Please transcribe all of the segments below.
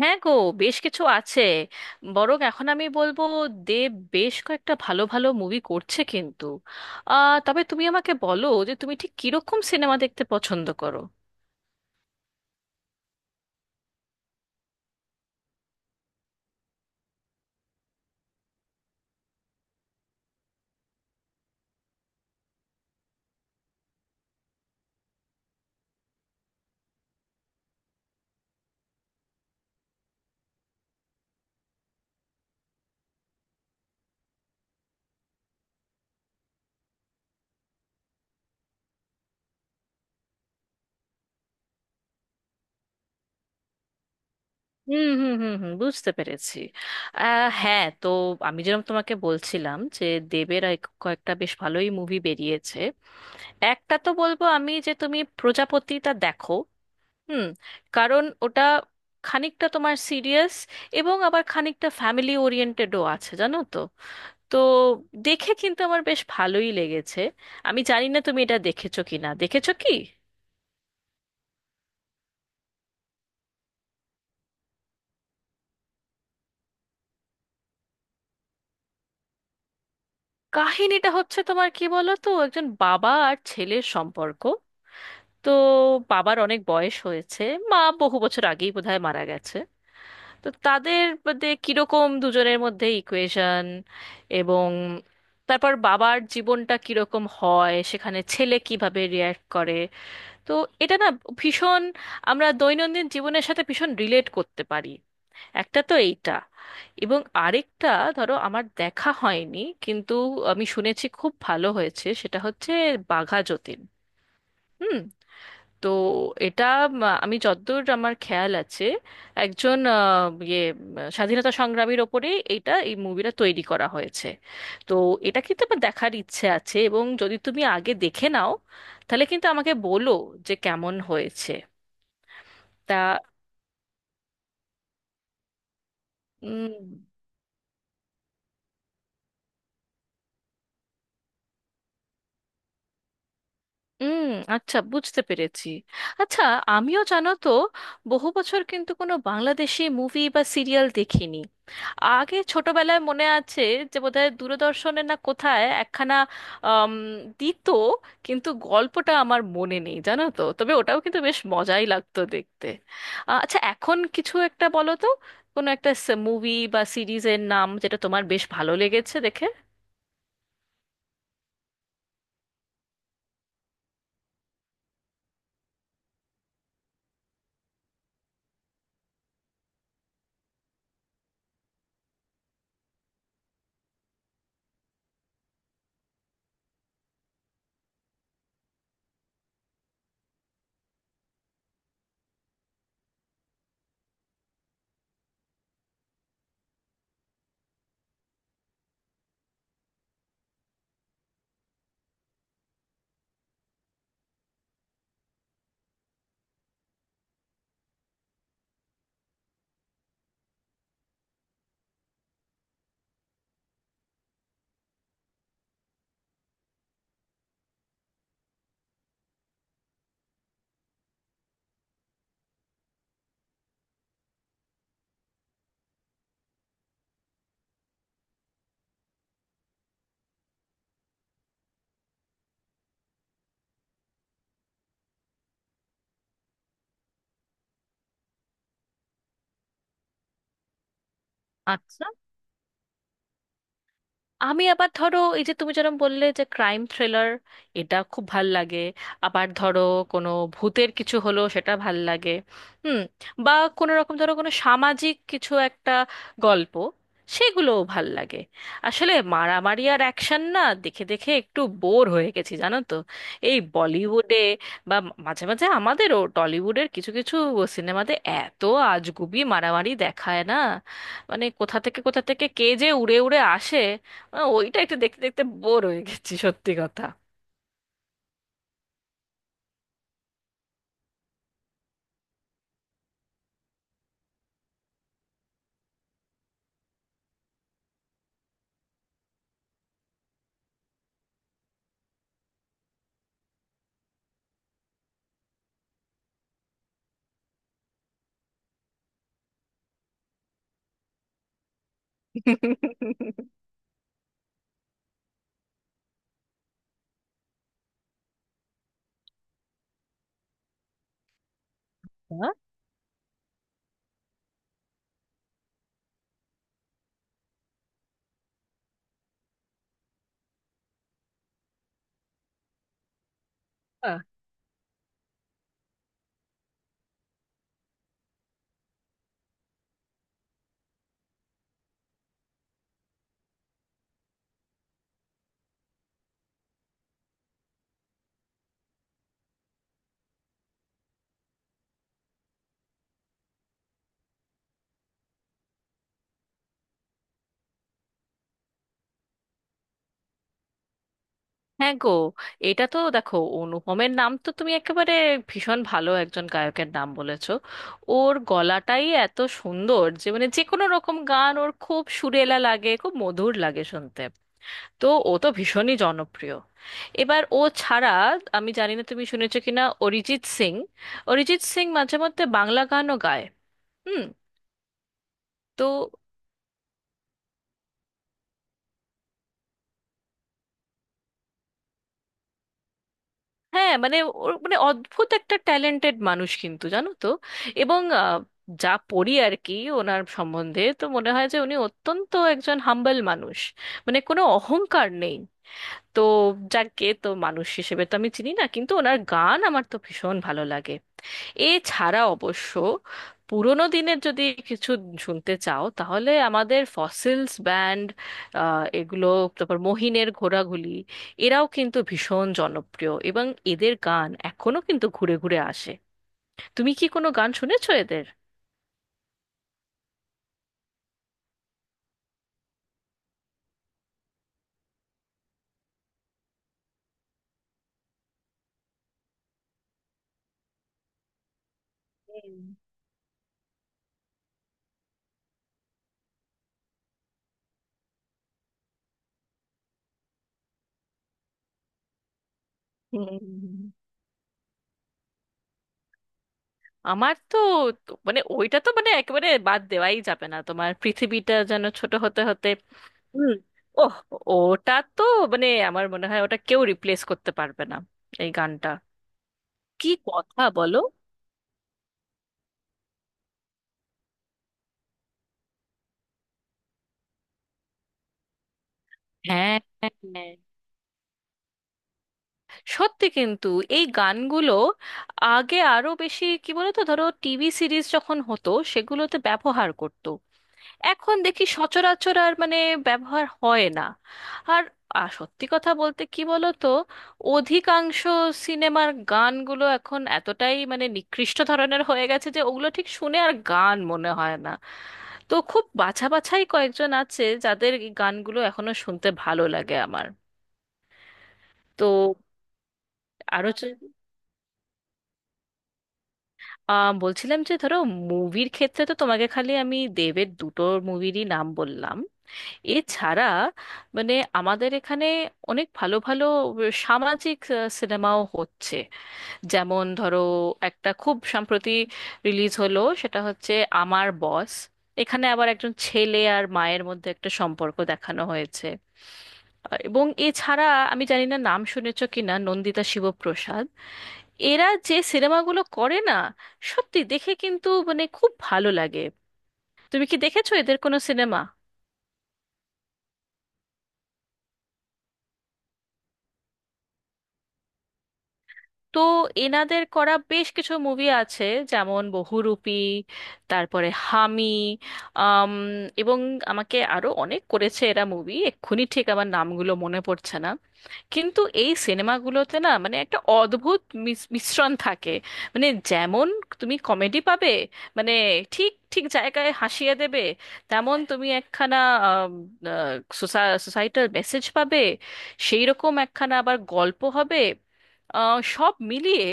হ্যাঁ গো, বেশ কিছু আছে। বরং এখন আমি বলবো, দেব বেশ কয়েকটা ভালো ভালো মুভি করছে কিন্তু। তবে তুমি আমাকে বলো যে তুমি ঠিক কিরকম সিনেমা দেখতে পছন্দ করো। হুম হুম হুম হুম বুঝতে পেরেছি। হ্যাঁ। তো আমি যেরকম তোমাকে বলছিলাম যে দেবের কয়েকটা বেশ ভালোই মুভি বেরিয়েছে। একটা তো বলবো আমি, যে তুমি প্রজাপতিটা দেখো। হুম। কারণ ওটা খানিকটা তোমার সিরিয়াস এবং আবার খানিকটা ফ্যামিলি ওরিয়েন্টেডও আছে, জানো তো। তো দেখে কিন্তু আমার বেশ ভালোই লেগেছে। আমি জানি না তুমি এটা দেখেছো কি না, দেখেছো কি কাহিনীটা? হচ্ছে তোমার, কি বলো তো, একজন বাবা আর ছেলের সম্পর্ক। তো বাবার অনেক বয়স হয়েছে, মা বহু বছর আগেই বোধহয় মারা গেছে। তো তাদের মধ্যে কিরকম দুজনের মধ্যে ইকুয়েশন, এবং তারপর বাবার জীবনটা কিরকম হয়, সেখানে ছেলে কিভাবে রিয়্যাক্ট করে। তো এটা না ভীষণ, আমরা দৈনন্দিন জীবনের সাথে ভীষণ রিলেট করতে পারি। একটা তো এইটা, এবং আরেকটা, ধরো আমার দেখা হয়নি, কিন্তু আমি শুনেছি খুব ভালো হয়েছে, সেটা হচ্ছে বাঘা যতীন। হুম। তো এটা আমি যতদূর আমার খেয়াল আছে, একজন স্বাধীনতা সংগ্রামীর ওপরে এটা, এই মুভিটা তৈরি করা হয়েছে। তো এটা কিন্তু আমার দেখার ইচ্ছে আছে, এবং যদি তুমি আগে দেখে নাও তাহলে কিন্তু আমাকে বলো যে কেমন হয়েছে। তা হুম, আচ্ছা, বুঝতে পেরেছি। আচ্ছা, আমিও জানো তো বহু বছর কিন্তু কোনো বাংলাদেশি মুভি বা সিরিয়াল দেখিনি। আগে ছোটবেলায় মনে আছে যে বোধহয় দূরদর্শনে না কোথায় একখানা আম, দিত, কিন্তু গল্পটা আমার মনে নেই, জানো তো। তবে ওটাও কিন্তু বেশ মজাই লাগতো দেখতে। আচ্ছা, এখন কিছু একটা বলো তো, কোনো একটা মুভি বা সিরিজের নাম যেটা তোমার বেশ ভালো লেগেছে দেখে। আচ্ছা, আমি আবার, ধরো, এই যে তুমি যেরকম বললে যে ক্রাইম থ্রিলার, এটা খুব ভাল লাগে। আবার ধরো কোনো ভূতের কিছু হলো, সেটা ভাল লাগে। হুম। বা কোনো রকম, ধরো, কোনো সামাজিক কিছু একটা গল্প, সেগুলোও ভাল লাগে। আসলে মারামারি আর অ্যাকশন না দেখে দেখে একটু বোর হয়ে গেছি, জানো তো। এই বলিউডে বা মাঝে মাঝে আমাদেরও টলিউডের কিছু কিছু সিনেমাতে এত আজগুবি মারামারি দেখায় না, মানে কোথা থেকে কোথা থেকে কে যে উড়ে উড়ে আসে। ওইটা একটু দেখতে দেখতে বোর হয়ে গেছি, সত্যি কথা। হ্যাঁ। হ্যাঁ গো, এটা তো দেখো অনুপমের নাম তো তুমি একেবারে ভীষণ ভালো একজন গায়কের নাম বলেছো। ওর গলাটাই এত সুন্দর যে, মানে, যে কোনো রকম গান ওর খুব সুরেলা লাগে, খুব মধুর লাগে শুনতে। তো ও তো ভীষণই জনপ্রিয়। এবার ও ছাড়া, আমি জানি না তুমি শুনেছো কিনা, অরিজিৎ সিং। অরিজিৎ সিং মাঝে মধ্যে বাংলা গানও গায়। হুম। তো হ্যাঁ, মানে ওর মানে অদ্ভুত একটা ট্যালেন্টেড মানুষ কিন্তু, জানো তো। এবং যা পড়ি আর কি ওনার সম্বন্ধে, তো মনে হয় যে উনি অত্যন্ত একজন হাম্বল মানুষ, মানে কোনো অহংকার নেই। তো যাকে তো মানুষ হিসেবে তো আমি চিনি না, কিন্তু ওনার গান আমার তো ভীষণ ভালো লাগে। এছাড়া অবশ্য পুরোনো দিনের যদি কিছু শুনতে চাও, তাহলে আমাদের ফসিলস ব্যান্ড, এগুলো, তারপর মহিনের ঘোড়াগুলি, এরাও কিন্তু ভীষণ জনপ্রিয় এবং এদের গান এখনো কিন্তু ঘুরে ঘুরে আসে। তুমি কি কোনো গান শুনেছো এদের? হুম, হুম, হুম। আমার তো তো- মানে ওইটা তো মানে একেবারে বাদ দেওয়াই যাবে না, তোমার পৃথিবীটা যেন ছোট হতে হতে। হুম, ওহ, ওটা তো, মানে আমার মনে হয় ওটা কেউ রিপ্লেস করতে পারবে না, এই গানটা। কি কথা বলো! হ্যাঁ। হ্যাঁ। সত্যি কিন্তু, এই গানগুলো আগে আরো বেশি, কি বলতো, ধরো টিভি সিরিজ যখন হতো সেগুলোতে ব্যবহার করতো। এখন দেখি সচরাচর আর, মানে, ব্যবহার হয় না। আর সত্যি কথা বলতে, কি বলতো, অধিকাংশ সিনেমার গানগুলো এখন এতটাই, মানে, নিকৃষ্ট ধরনের হয়ে গেছে যে ওগুলো ঠিক শুনে আর গান মনে হয় না। তো খুব বাছা বাছাই কয়েকজন আছে যাদের এই গানগুলো এখনো শুনতে ভালো লাগে আমার। তো আরো চ- বলছিলাম যে ধরো, মুভির ক্ষেত্রে তো তোমাকে খালি আমি দেবের দুটো মুভিরই নাম বললাম। এছাড়া মানে আমাদের এখানে অনেক ভালো ভালো সামাজিক সিনেমাও হচ্ছে। যেমন ধরো একটা খুব সম্প্রতি রিলিজ হলো, সেটা হচ্ছে আমার বস। এখানে আবার একজন ছেলে আর মায়ের মধ্যে একটা সম্পর্ক দেখানো হয়েছে। আর এবং এছাড়া আমি জানি না নাম শুনেছো কিনা, নন্দিতা শিবপ্রসাদ, এরা যে সিনেমাগুলো করে না, সত্যি দেখে কিন্তু মানে খুব ভালো লাগে। তুমি কি দেখেছো এদের কোনো সিনেমা? তো এনাদের করা বেশ কিছু মুভি আছে, যেমন বহুরূপী, তারপরে হামি, আম, এবং আমাকে, আরো অনেক করেছে এরা মুভি, এক্ষুনি ঠিক আমার নামগুলো মনে পড়ছে না। কিন্তু এই সিনেমাগুলোতে না, মানে একটা অদ্ভুত মিশ্রণ থাকে। মানে যেমন তুমি কমেডি পাবে, মানে ঠিক ঠিক জায়গায় হাসিয়ে দেবে, তেমন তুমি একখানা সোসাইটাল মেসেজ পাবে, সেই রকম একখানা আবার গল্প হবে। সব মিলিয়ে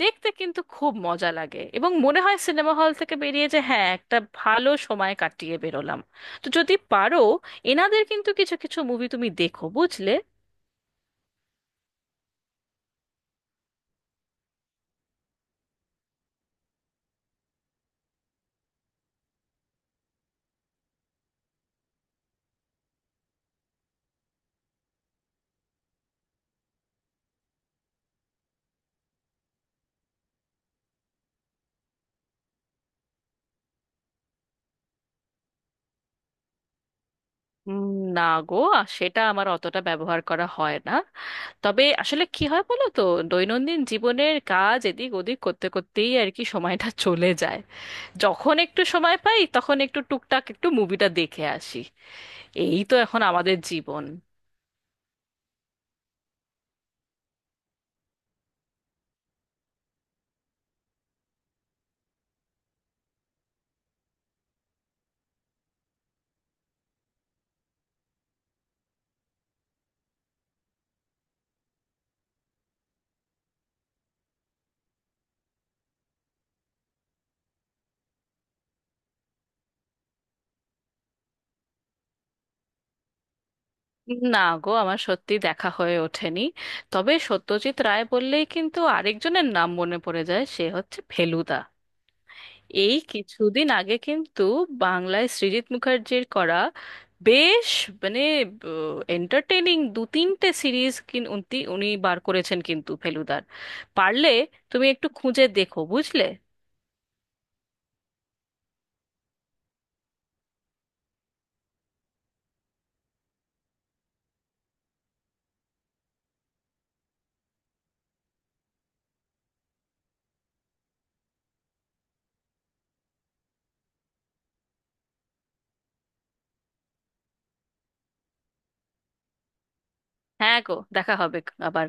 দেখতে কিন্তু খুব মজা লাগে, এবং মনে হয় সিনেমা হল থেকে বেরিয়ে যে হ্যাঁ, একটা ভালো সময় কাটিয়ে বেরোলাম। তো যদি পারো এনাদের কিন্তু কিছু কিছু মুভি তুমি দেখো, বুঝলে। উম, না গো, সেটা আমার অতটা ব্যবহার করা হয় না। তবে আসলে কি হয় বলো তো, দৈনন্দিন জীবনের কাজ এদিক ওদিক করতে করতেই আর কি সময়টা চলে যায়। যখন একটু সময় পাই তখন একটু টুকটাক একটু মুভিটা দেখে আসি। এই তো এখন আমাদের জীবন। না গো, আমার সত্যি দেখা হয়ে ওঠেনি। তবে সত্যজিৎ রায় বললেই কিন্তু আরেকজনের নাম মনে পড়ে যায়, সে হচ্ছে ফেলুদা। এই কিছুদিন আগে কিন্তু বাংলায় সৃজিত মুখার্জির করা বেশ, মানে, এন্টারটেইনিং দু তিনটে সিরিজ উনি উনি বার করেছেন কিন্তু ফেলুদার। পারলে তুমি একটু খুঁজে দেখো, বুঝলে। হ্যাঁ গো, দেখা হবে আবার।